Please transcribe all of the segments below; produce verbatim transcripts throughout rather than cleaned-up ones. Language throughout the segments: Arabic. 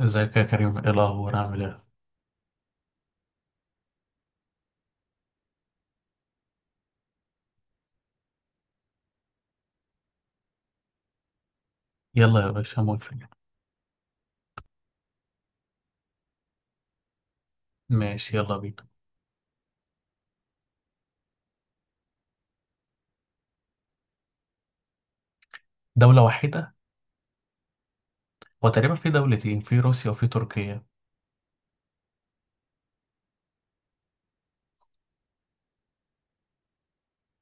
ازيك يا كريم؟ ايه الاخبار؟ عامل ايه؟ يلا يا باشا، موافق. ماشي يلا بينا. دولة واحدة. هو تقريبا في دولتين، في روسيا وفي تركيا.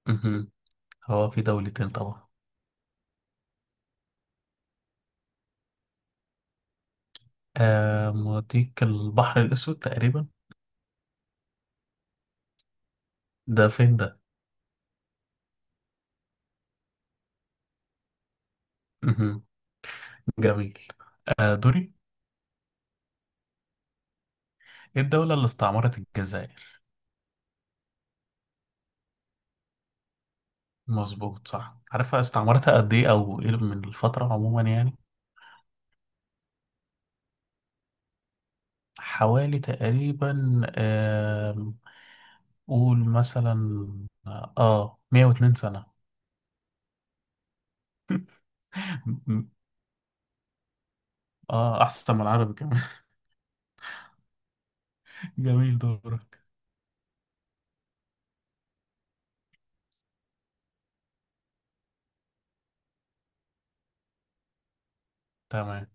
امم. هو في دولتين طبعا. آه، موديك البحر الاسود تقريبا. ده فين ده؟ امم. جميل. آه، دوري. ايه الدولة اللي استعمرت الجزائر؟ مظبوط صح. عارفها استعمرتها قد ايه، او ايه من الفترة عموما يعني؟ حوالي تقريبا آه قول مثلا. اه، 102 سنة. اه، احسن من العربي كمان. جميل، دورك. تمام.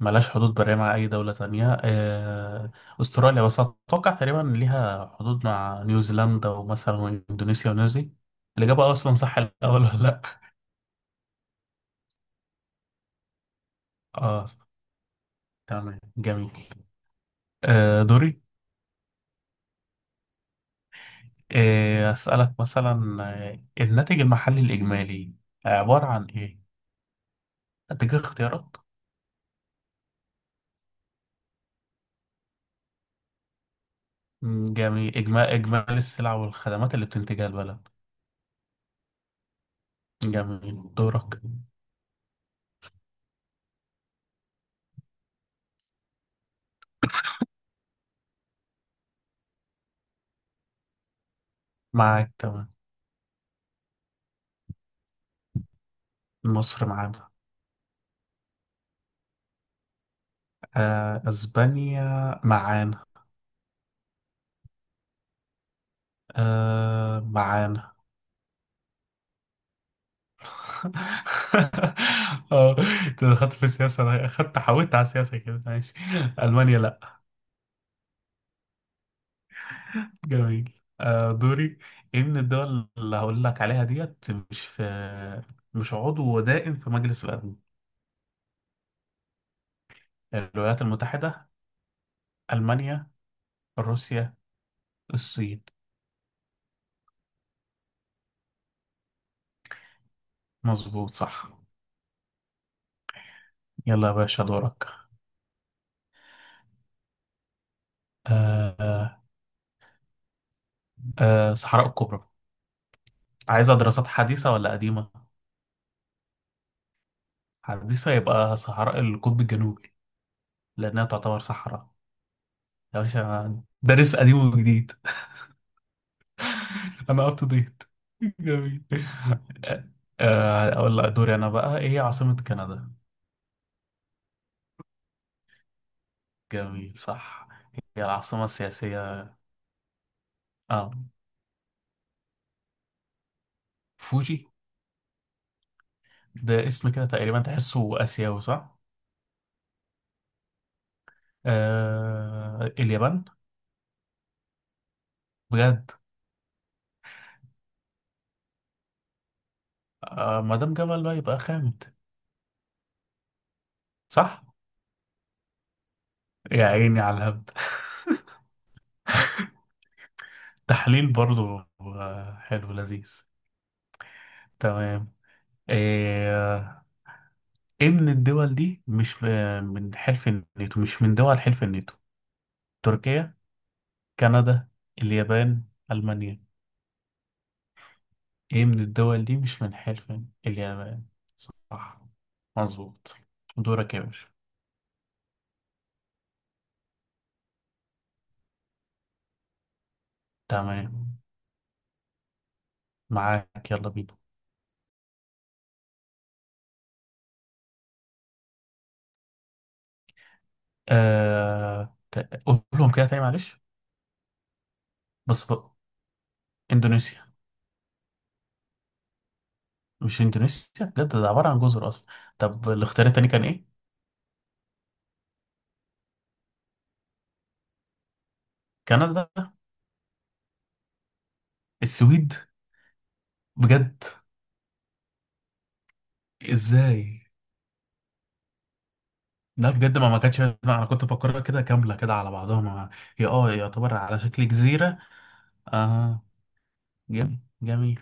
ملهاش حدود برية مع اي دولة تانية آه، استراليا، بس اتوقع تقريبا ليها حدود مع نيوزيلندا ومثلا اندونيسيا ونيوزي. الاجابة اصلا صح الاول ولا لا؟ اه، صح. تمام، جميل. آه، دوري. آه، اسألك مثلا. آه، الناتج المحلي الاجمالي عبارة عن ايه؟ اديك اختيارات. مم، جميل. إجمال إجمالي السلع والخدمات اللي بتنتجها البلد. جميل، دورك. معاك، تمام. مصر معانا. آه، اسبانيا معانا. آه، معانا. اه، انت دخلت في السياسة، انا اخدت حاولت على السياسة كده، ماشي. المانيا لا. جميل. آه، دوري. ايه من الدول اللي هقول لك عليها ديت مش في مش عضو دائم في مجلس الامن؟ الولايات المتحدة، المانيا، روسيا، الصين. مظبوط، صح. يلا يا باشا، دورك. آه، آه، آه، صحراء الكبرى. عايزة دراسات حديثة ولا قديمة؟ حديثة، يبقى صحراء القطب الجنوبي، لأنها تعتبر صحراء. يا باشا دارس قديم وجديد. أنا أب تو ديت. جميل. آه، آه، أقول لك دوري أنا بقى، إيه هي عاصمة كندا؟ جميل، صح. هي العاصمة السياسية. آه، فوجي. ده اسم كده تقريبا تحسه آسيوي، صح؟ آه، اليابان. بجد؟ آه، ما دام جبل بقى يبقى خامد. صح؟ يا عيني على الهبد. تحليل برضو، آه، حلو لذيذ. تمام. ايه إيه من الدول دي مش م- من حلف الناتو مش من دول حلف الناتو؟ تركيا، كندا، اليابان، المانيا. ايه من الدول دي مش من حلف الن- اليابان، صح مظبوط. دورك يا باشا. تمام، معاك، يلا بينا. آه... ت- قولهم كده تاني معلش. بس بقى. اندونيسيا. مش اندونيسيا بجد؟ ده عبارة عن جزر اصلا. طب الاختيار التاني كان ايه؟ كندا، السويد. بجد؟ ازاي؟ لا بجد، ما ما كانتش. لا، انا كنت فاكرها كده كامله كده على بعضها ما. هي اه يعتبر على شكل جزيره. اه. جميل، جميل.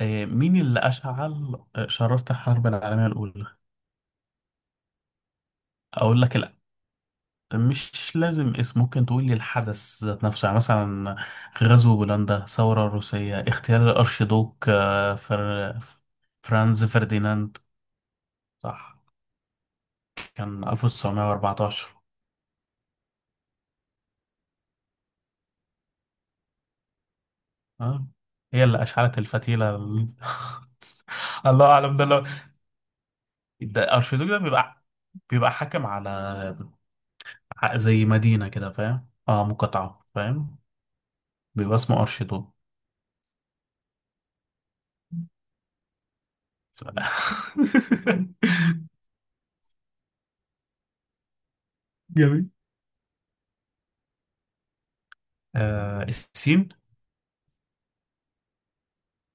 آه، مين اللي اشعل آه، شراره الحرب العالميه الاولى؟ اقول لك لا. مش لازم اسم، ممكن تقول لي الحدث ذات نفسه يعني، مثلا: غزو بولندا، ثوره روسيه، اغتيال الارشيدوك، آه فر... فرانز فرديناند. صح. كان ألف وتسعمائة وأربعة عشر. اه. هي اللي اشعلت الفتيله ال- الله اعلم ده. ده ارشيدوك، ده بيبقى بيبقى حاكم على، ح- زي مدينة كده، فاهم؟ اه مقاطعة، فاهم. بيبقى اسمه ارشيدوك. ف- جميل. آه، السين.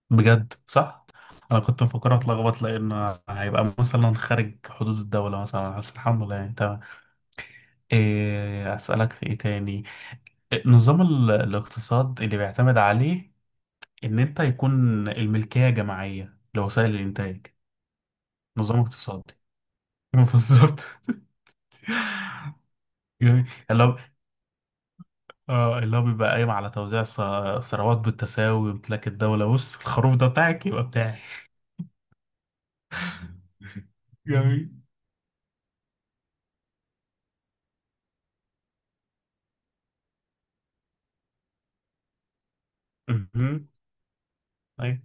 بجد، صح. انا كنت مفكرها اتلخبط لان هيبقى مثلا خارج حدود الدولة مثلا، بس الحمد لله يعني تمام. إيه، اسألك في ايه تاني. إيه، نظام ال- الاقتصاد اللي بيعتمد عليه ان انت يكون الملكية جماعية لوسائل الانتاج. نظام اقتصادي. بالظبط. جميل، اللي هو اه اللي هو بيبقى قايم على توزيع ث- ثروات بالتساوي وامتلاك الدولة. بص، الخروف ده بتاعك يبقى بتاعي. جميل. مهم. أي.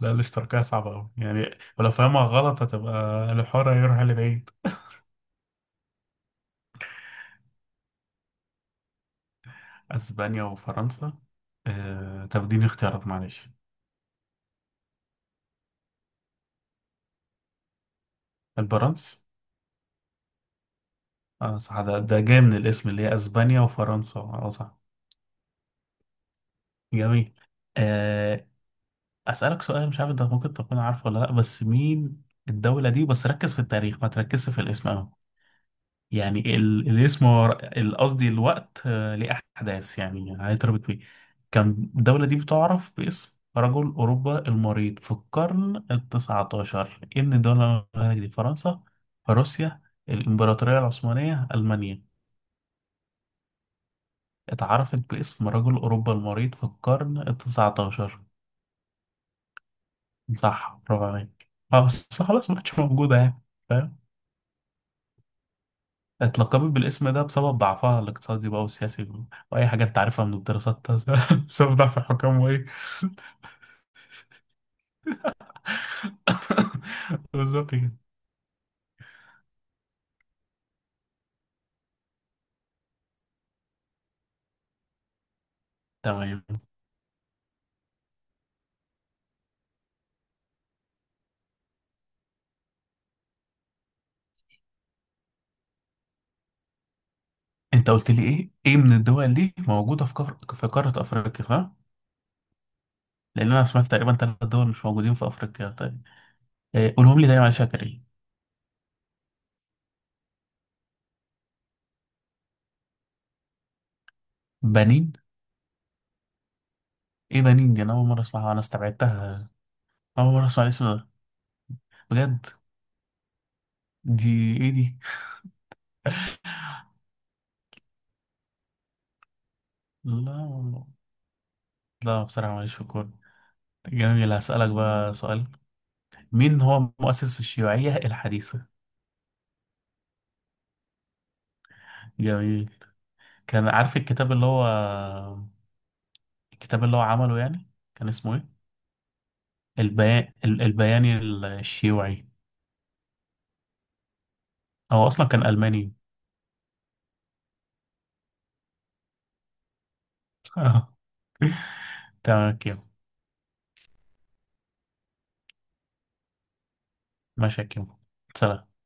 لا، الاشتراكية صعبة أوي يعني، ولو فاهمها غلط هتبقى الحوار هيروح لبعيد. أسبانيا وفرنسا. آه، طب اديني اختيارات معلش. البرنس. اه صح، ده, ده جاي من الاسم اللي هي أسبانيا وفرنسا، اه صح. جميل. آه، أسألك سؤال مش عارف أنت ممكن تكون عارفه ولا لأ، بس مين الدولة دي؟ بس ركز في التاريخ ما تركزش في الاسم أوي. يعني ال... الاسم هو ال- قصدي الوقت، آه، ليه أحداث يعني هيتربط بيه. كان الدولة دي بتعرف باسم رجل أوروبا المريض في القرن التسعتاشر. إن الدولة دي فرنسا، روسيا، الإمبراطورية العثمانية، ألمانيا؟ اتعرفت باسم رجل أوروبا المريض في القرن التسعتاشر؟ صح، برافو عليك. اه بس خلاص ما عادش موجودة يعني. اتلقبت بالاسم ده بسبب ضعفها الاقتصادي بقى والسياسي و- واي حاجه انت عارفها من الدراسات. بسبب ضعف الحكام وايه؟ بالظبط كده. تمام. انت قلت لي ايه ايه من الدول دي موجوده في قار... في قاره افريقيا، صح؟ لان انا سمعت تقريبا ثلاث دول مش موجودين في افريقيا. طيب. إيه، قولهم لي تاني معلش يا كريم. بنين. ايه بنين دي؟ انا اول مره اسمعها، انا استبعدتها. اول مره اسمع الاسم ده. بجد؟ دي ايه دي؟ لا، لا، بصراحه ماليش في الكوره. جميل، هسألك بقى سؤال. مين هو مؤسس الشيوعية الحديثة؟ جميل. كان عارف الكتاب اللي هو. الكتاب اللي هو عمله يعني، كان اسمه ايه؟ البيان البياني الشيوعي. هو أصلا كان ألماني. تمام كده. ماشي يا كيمو. سلام.